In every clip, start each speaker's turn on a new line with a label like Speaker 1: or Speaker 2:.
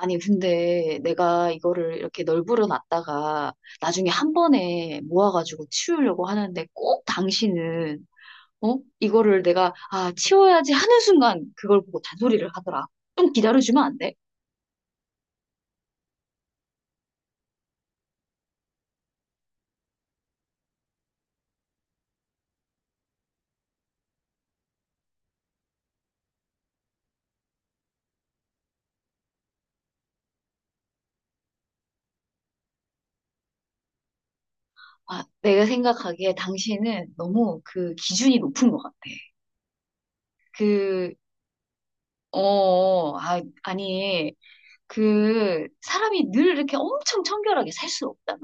Speaker 1: 아니, 근데 내가 이거를 이렇게 널브러 놨다가 나중에 한 번에 모아가지고 치우려고 하는데 꼭 당신은, 어? 이거를 내가, 아, 치워야지 하는 순간 그걸 보고 잔소리를 하더라. 좀 기다려주면 안 돼? 아, 내가 생각하기에 당신은 너무 그 기준이 높은 것 같아. 그, 아니, 그 사람이 늘 이렇게 엄청 청결하게 살 수 없잖아.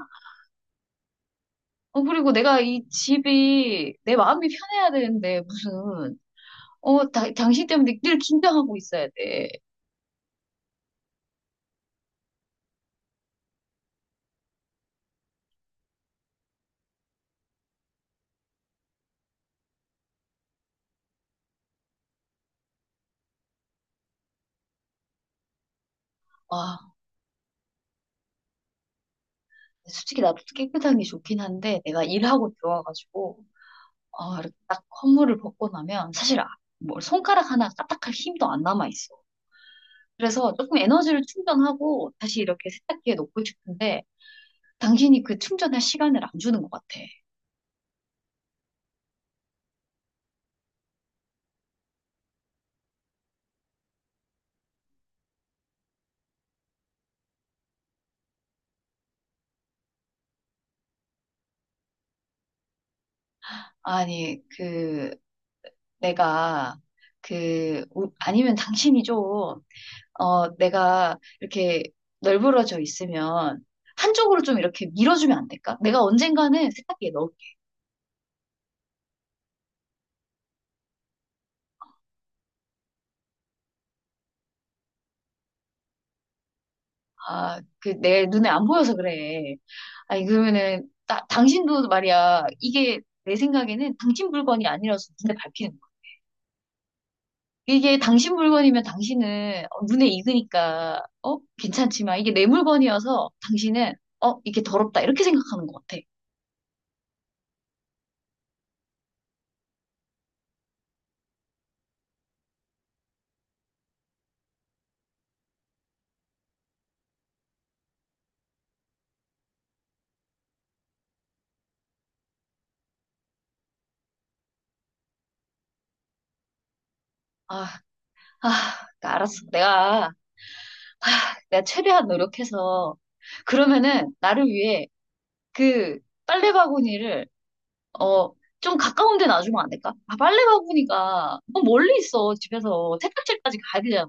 Speaker 1: 어, 그리고 내가 이 집이 내 마음이 편해야 되는데 무슨 당신 때문에 늘 긴장하고 있어야 돼. 와, 솔직히 나도 깨끗한 게 좋긴 한데, 내가 일하고 들어와가지고, 어, 이렇게 딱 허물을 벗고 나면, 사실, 뭐, 손가락 하나 까딱할 힘도 안 남아있어. 그래서 조금 에너지를 충전하고, 다시 이렇게 세탁기에 놓고 싶은데, 당신이 그 충전할 시간을 안 주는 것 같아. 아니, 그, 내가, 그, 우- 아니면 당신이 좀, 어, 내가 이렇게 널브러져 있으면 한쪽으로 좀 이렇게 밀어주면 안 될까? 내가 언젠가는 세탁기에 넣을게. 아, 그 내 눈에 안 보여서 그래. 아니, 그러면은, 나, 당신도 말이야. 이게 내 생각에는 당신 물건이 아니라서 눈에 밟히는 거야. 이게 당신 물건이면 당신은 어, 눈에 익으니까, 어? 괜찮지만 이게 내 물건이어서 당신은, 어? 이게 더럽다. 이렇게 생각하는 것 같아. 아, 아, 알았어. 내가 최대한 노력해서 그러면은 나를 위해 그 빨래 바구니를 어 좀 가까운 데 놔주면 안 될까? 아, 빨래 바구니가 너무 멀리 있어. 집에서 세탁실까지 가야 되잖아.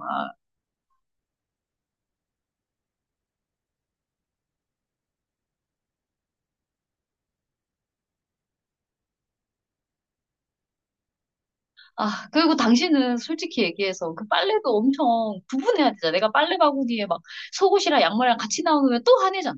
Speaker 1: 아, 그리고 당신은 솔직히 얘기해서 그 빨래도 엄청 구분해야 되잖아. 내가 빨래 바구니에 막 속옷이랑 양말이랑 같이 나오면 또 화내잖아.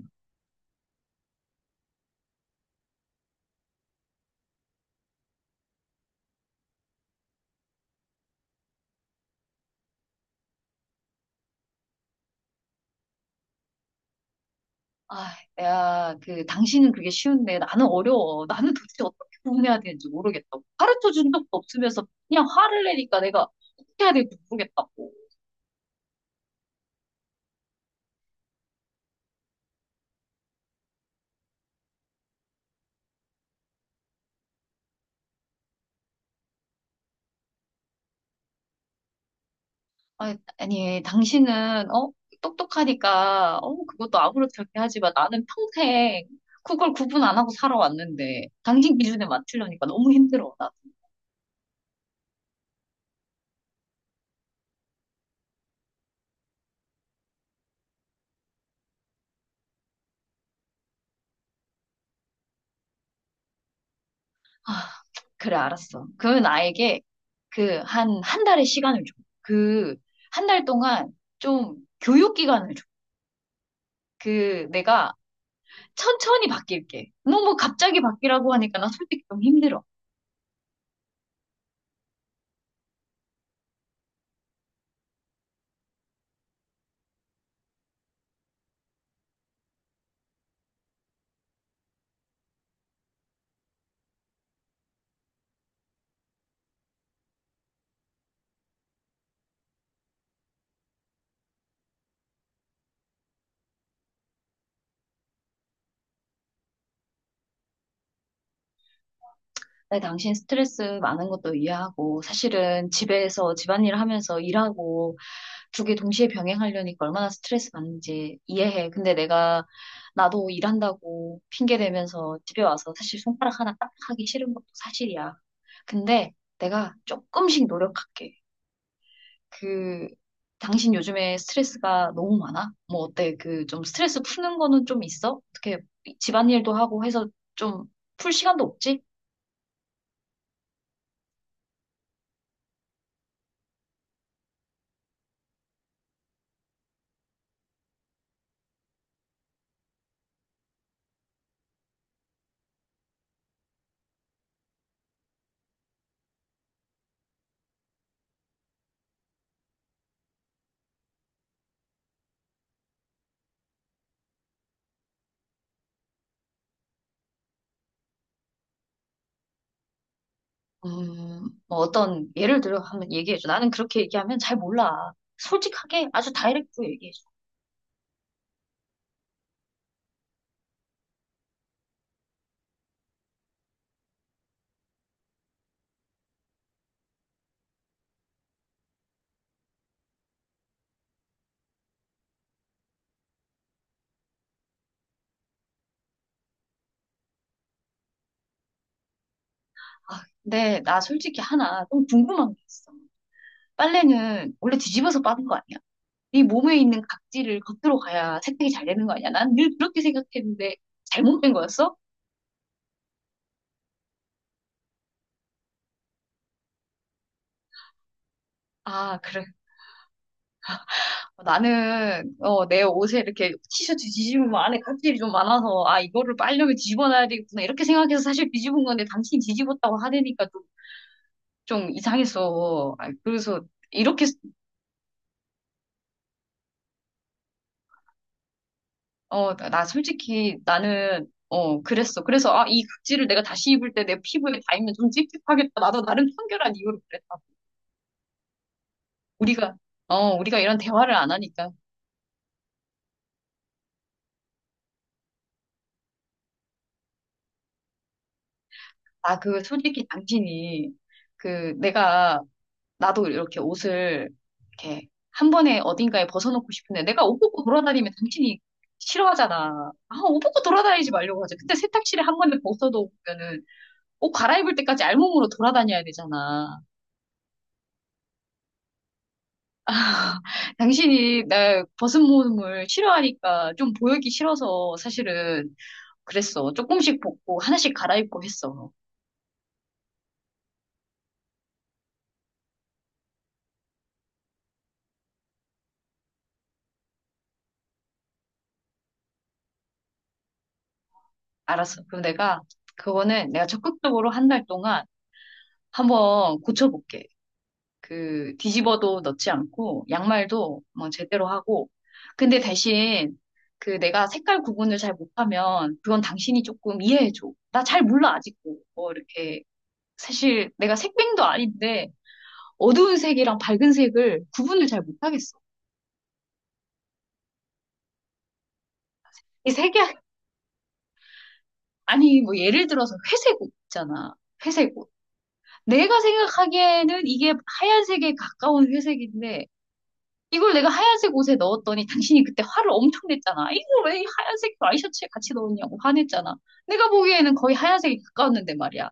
Speaker 1: 아, 야, 그, 당신은 그게 쉬운데 나는 어려워. 나는 도대체 어떻게 구분해야 되는지 모르겠다고. 가르쳐 준 적도 없으면서 그냥 화를 내니까 내가 어떻게 해야 될지 모르겠다고. 아니, 아니, 당신은, 어? 똑똑하니까, 어? 그것도 아무렇지 않게 하지 마. 나는 평생 그걸 구분 안 하고 살아왔는데, 당신 기준에 맞추려니까 너무 힘들어. 아, 그래, 알았어. 그러면 나에게 그, 한 달의 시간을 줘. 그, 1달 동안 좀 교육 기간을 줘. 그 내가 천천히 바뀔게. 너무 갑자기 바뀌라고 하니까 나 솔직히 좀 힘들어. 나 당신 스트레스 많은 것도 이해하고, 사실은 집에서 집안일 하면서 일하고 2개 동시에 병행하려니까 얼마나 스트레스 받는지 이해해. 근데 내가 나도 일한다고 핑계 대면서 집에 와서 사실 손가락 하나 딱 하기 싫은 것도 사실이야. 근데 내가 조금씩 노력할게. 그, 당신 요즘에 스트레스가 너무 많아? 뭐 어때? 그 좀 스트레스 푸는 거는 좀 있어? 어떻게 집안일도 하고 해서 좀 풀 시간도 없지? 뭐 어떤 예를 들어 한번 얘기해줘. 나는 그렇게 얘기하면 잘 몰라. 솔직하게 아주 다이렉트로 얘기해줘. 아, 근데 나 솔직히 하나 좀 궁금한 게 있어. 빨래는 원래 뒤집어서 빠는 거 아니야? 이 몸에 있는 각질을 겉으로 가야 세탁이 잘 되는 거 아니야? 난 늘 그렇게 생각했는데 잘못된 거였어? 아, 그래. 나는 어, 내 옷에 이렇게 티셔츠 뒤집으면 안에 각질이 좀 많아서, 아, 이거를 빨려면 뒤집어놔야 되겠구나 이렇게 생각해서 사실 뒤집은 건데, 당신이 뒤집었다고 하니까 좀 이상했어. 아, 그래서 이렇게 나 솔직히 나는 어, 그랬어. 그래서 아, 이 각질을 내가 다시 입을 때 내 피부에 닿으면 좀 찝찝하겠다. 나도 나름 청결한 이유로 그랬다. 우리가 우리가 이런 대화를 안 하니까 아, 그 솔직히 당신이 그 내가 나도 이렇게 옷을 이렇게 한 번에 어딘가에 벗어놓고 싶은데, 내가 옷 벗고 돌아다니면 당신이 싫어하잖아. 아, 옷 벗고 돌아다니지 말려고 하지. 근데 세탁실에 한 번에 벗어놓으면은 옷 갈아입을 때까지 알몸으로 돌아다녀야 되잖아. 당신이 나 벗은 몸을 싫어하니까 좀 보이기 싫어서 사실은 그랬어. 조금씩 벗고 하나씩 갈아입고 했어. 알았어. 그럼 내가 그거는 내가 적극적으로 1달 동안 한번 고쳐볼게. 그 뒤집어도 넣지 않고 양말도 뭐 제대로 하고. 근데 대신 그 내가 색깔 구분을 잘 못하면 그건 당신이 조금 이해해줘. 나 잘 몰라 아직도. 뭐 이렇게 사실 내가 색뱅도 아닌데 어두운 색이랑 밝은 색을 구분을 잘 못하겠어. 이 색이 아니 뭐 예를 들어서 회색 옷 있잖아. 회색 옷. 내가 생각하기에는 이게 하얀색에 가까운 회색인데, 이걸 내가 하얀색 옷에 넣었더니 당신이 그때 화를 엄청 냈잖아. 이걸 왜 하얀색 와이셔츠에 같이 넣었냐고 화냈잖아. 내가 보기에는 거의 하얀색이 가까웠는데 말이야.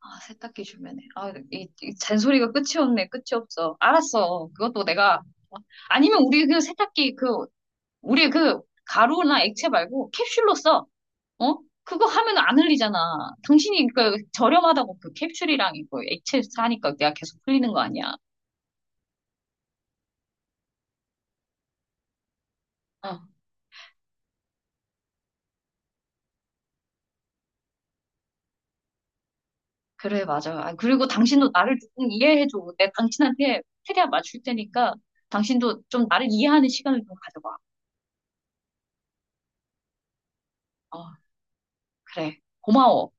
Speaker 1: 아, 세탁기 주면은. 아, 이, 이 잔소리가 끝이 없네. 끝이 없어. 알았어. 그것도 내가. 아니면 우리 그 세탁기 그, 우리 그 가루나 액체 말고 캡슐로 써. 어? 그거 하면 안 흘리잖아. 당신이 그 저렴하다고 그 캡슐이랑 이거 액체 사니까 내가 계속 흘리는 거 아니야. 어. 그래, 맞아. 아, 그리고 당신도 나를 조금 이해해줘. 내가 당신한테 최대한 맞출 테니까 당신도 좀 나를 이해하는 시간을 좀 가져봐. 어, 그래. 고마워.